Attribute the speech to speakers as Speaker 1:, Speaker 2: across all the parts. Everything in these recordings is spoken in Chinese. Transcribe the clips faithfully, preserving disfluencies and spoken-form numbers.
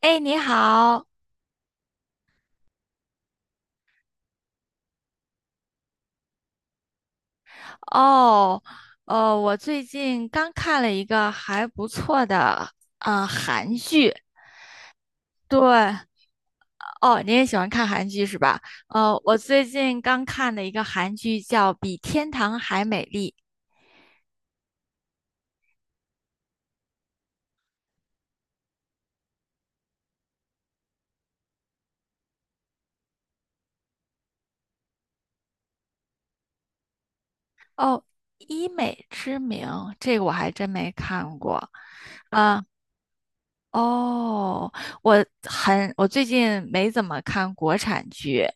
Speaker 1: 哎，你好。哦，呃，我最近刚看了一个还不错的呃韩剧。对。哦，你也喜欢看韩剧是吧？呃，我最近刚看的一个韩剧叫《比天堂还美丽》。哦，《医美之名》这个我还真没看过。啊、哦，我很，我最近没怎么看国产剧。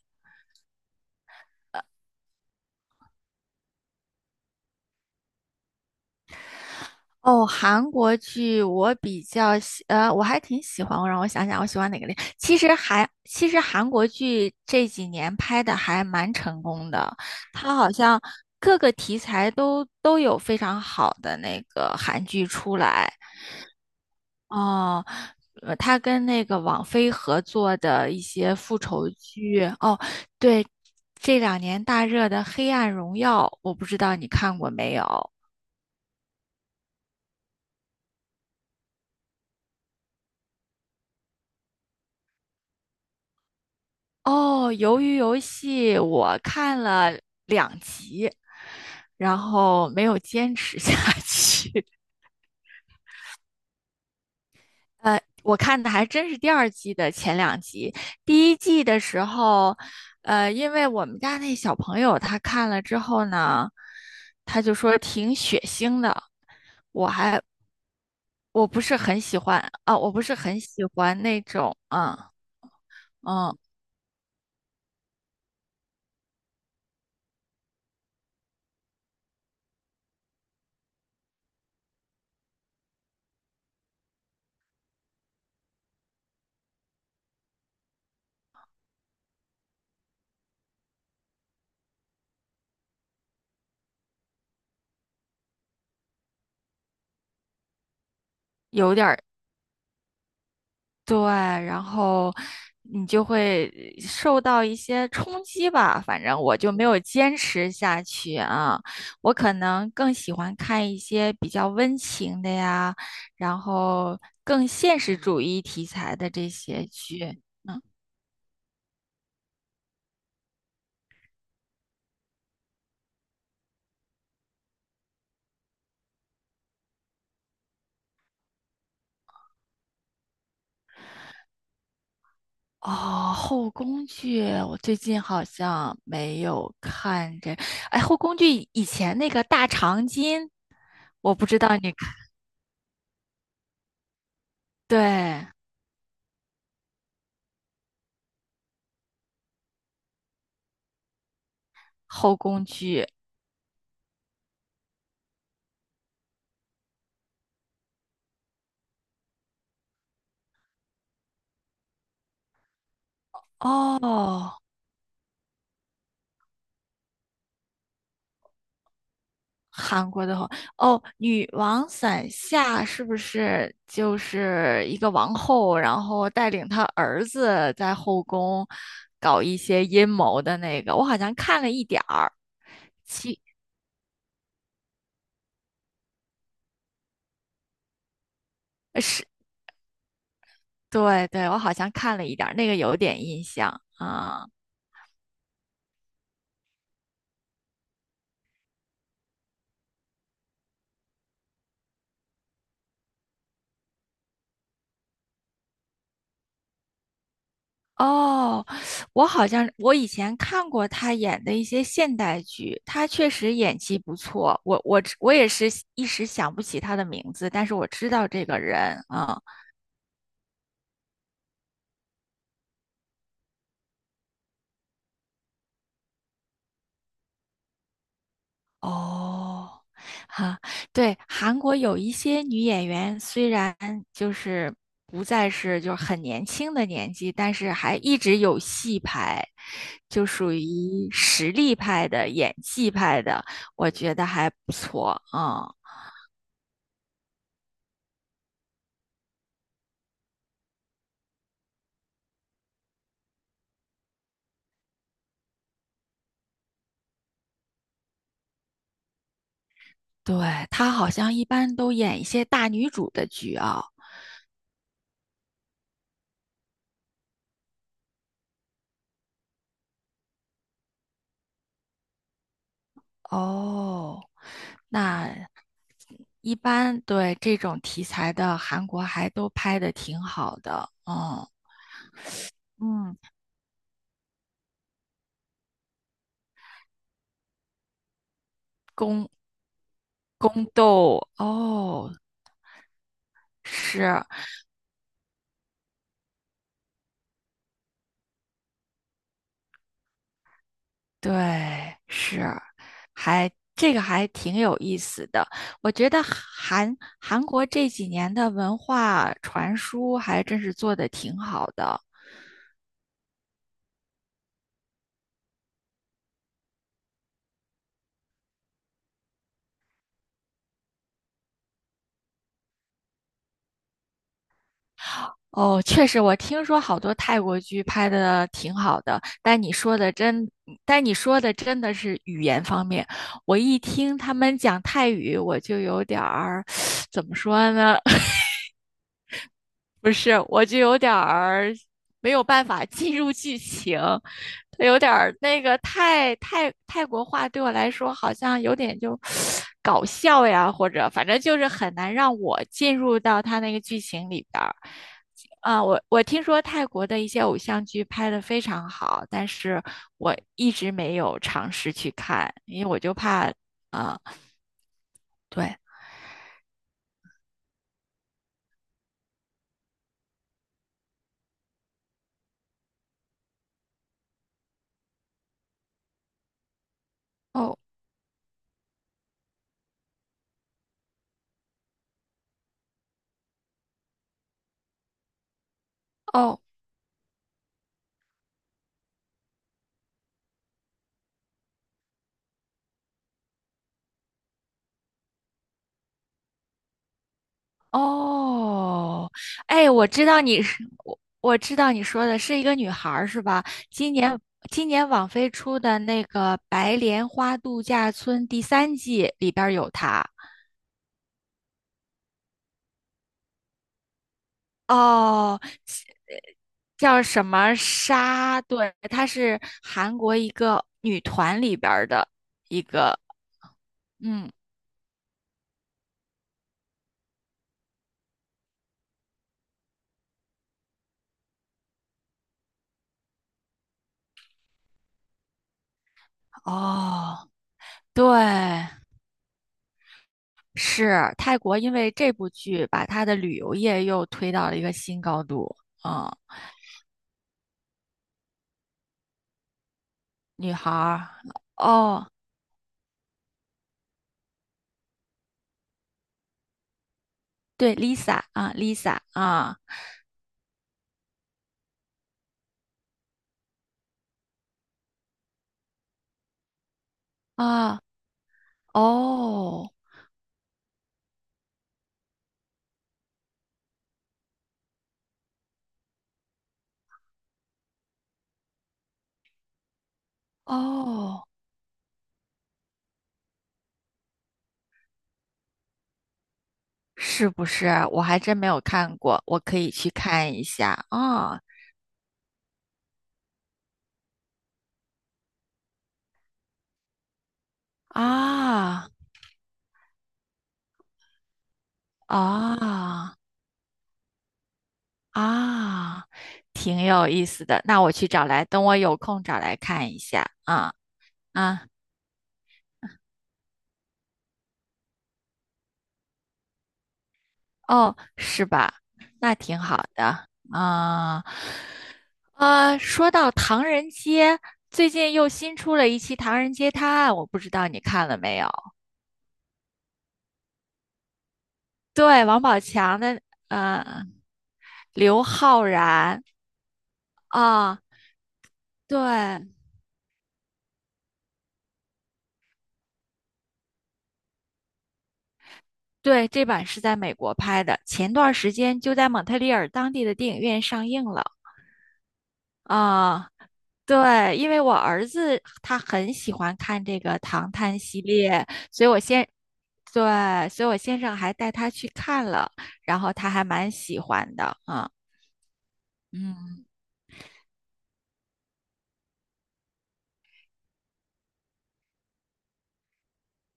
Speaker 1: 哦，韩国剧我比较喜，呃，我还挺喜欢。我让我想想，我喜欢哪个类？其实韩，其实韩国剧这几年拍的还蛮成功的，它好像各个题材都都有非常好的那个韩剧出来。哦，呃，它跟那个网飞合作的一些复仇剧。哦，对，这两年大热的《黑暗荣耀》，我不知道你看过没有？哦，鱿鱼游戏我看了两集，然后没有坚持下 去。呃，我看的还真是第二季的前两集。第一季的时候，呃，因为我们家那小朋友他看了之后呢，他就说挺血腥的，我还我不是很喜欢啊，我不是很喜欢那种。嗯嗯。有点儿。对，然后你就会受到一些冲击吧。反正我就没有坚持下去啊。我可能更喜欢看一些比较温情的呀，然后更现实主义题材的这些剧。嗯，哦，后宫剧我最近好像没有看这。哎，后宫剧以前那个《大长今》，我不知道你看。对，后宫剧哦。韩国的话，哦，女王伞下是不是就是一个王后，然后带领她儿子在后宫搞一些阴谋的那个？我好像看了一点儿。其呃是对对，我好像看了一点儿，那个有点印象啊。哦，我好像我以前看过她演的一些现代剧，她确实演技不错。我我只我也是一时想不起她的名字，但是我知道这个人啊。哦，哈，对，韩国有一些女演员，虽然就是不再是就是很年轻的年纪，但是还一直有戏拍，就属于实力派的、演技派的，我觉得还不错啊。嗯对，她好像一般都演一些大女主的剧啊。哦，那一般对这种题材的韩国还都拍的挺好的。嗯。嗯。宫宫斗哦。是。对。是。还这个还挺有意思的。我觉得韩韩国这几年的文化传输还真是做的挺好的。哦，确实，我听说好多泰国剧拍的挺好的，但你说的真，但你说的真的是语言方面。我一听他们讲泰语，我就有点儿，怎么说呢？不是，我就有点儿没有办法进入剧情。他有点儿那个泰泰泰国话对我来说好像有点就 搞笑呀，或者反正就是很难让我进入到他那个剧情里边儿。啊，我我听说泰国的一些偶像剧拍的非常好，但是我一直没有尝试去看，因为我就怕。啊、对，哦哦，哦，哎。我知道你是我，我知道你说的是一个女孩儿是吧？今年今年网飞出的那个《白莲花度假村》第三季里边儿有她。哦，叫什么沙？对，她是韩国一个女团里边儿的一个。嗯，哦，对，是泰国，因为这部剧把她的旅游业又推到了一个新高度。嗯女孩儿，哦，对，Lisa 啊，Lisa 啊啊。哦哦，是不是？我还真没有看过，我可以去看一下啊啊啊啊，挺有意思的。那我去找来，等我有空找来看一下啊啊。哦，是吧？那挺好的啊。啊，说到唐人街，最近又新出了一期《唐人街探案》，我不知道你看了没有？对，王宝强的，呃，刘昊然啊。对对，这版是在美国拍的，前段时间就在蒙特利尔当地的电影院上映了啊。对，因为我儿子他很喜欢看这个《唐探》系列。所以我先，对，所以我先生还带他去看了，然后他还蛮喜欢的啊。嗯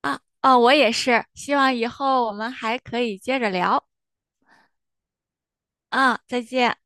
Speaker 1: 啊哦，我也是，希望以后我们还可以接着聊。啊，再见。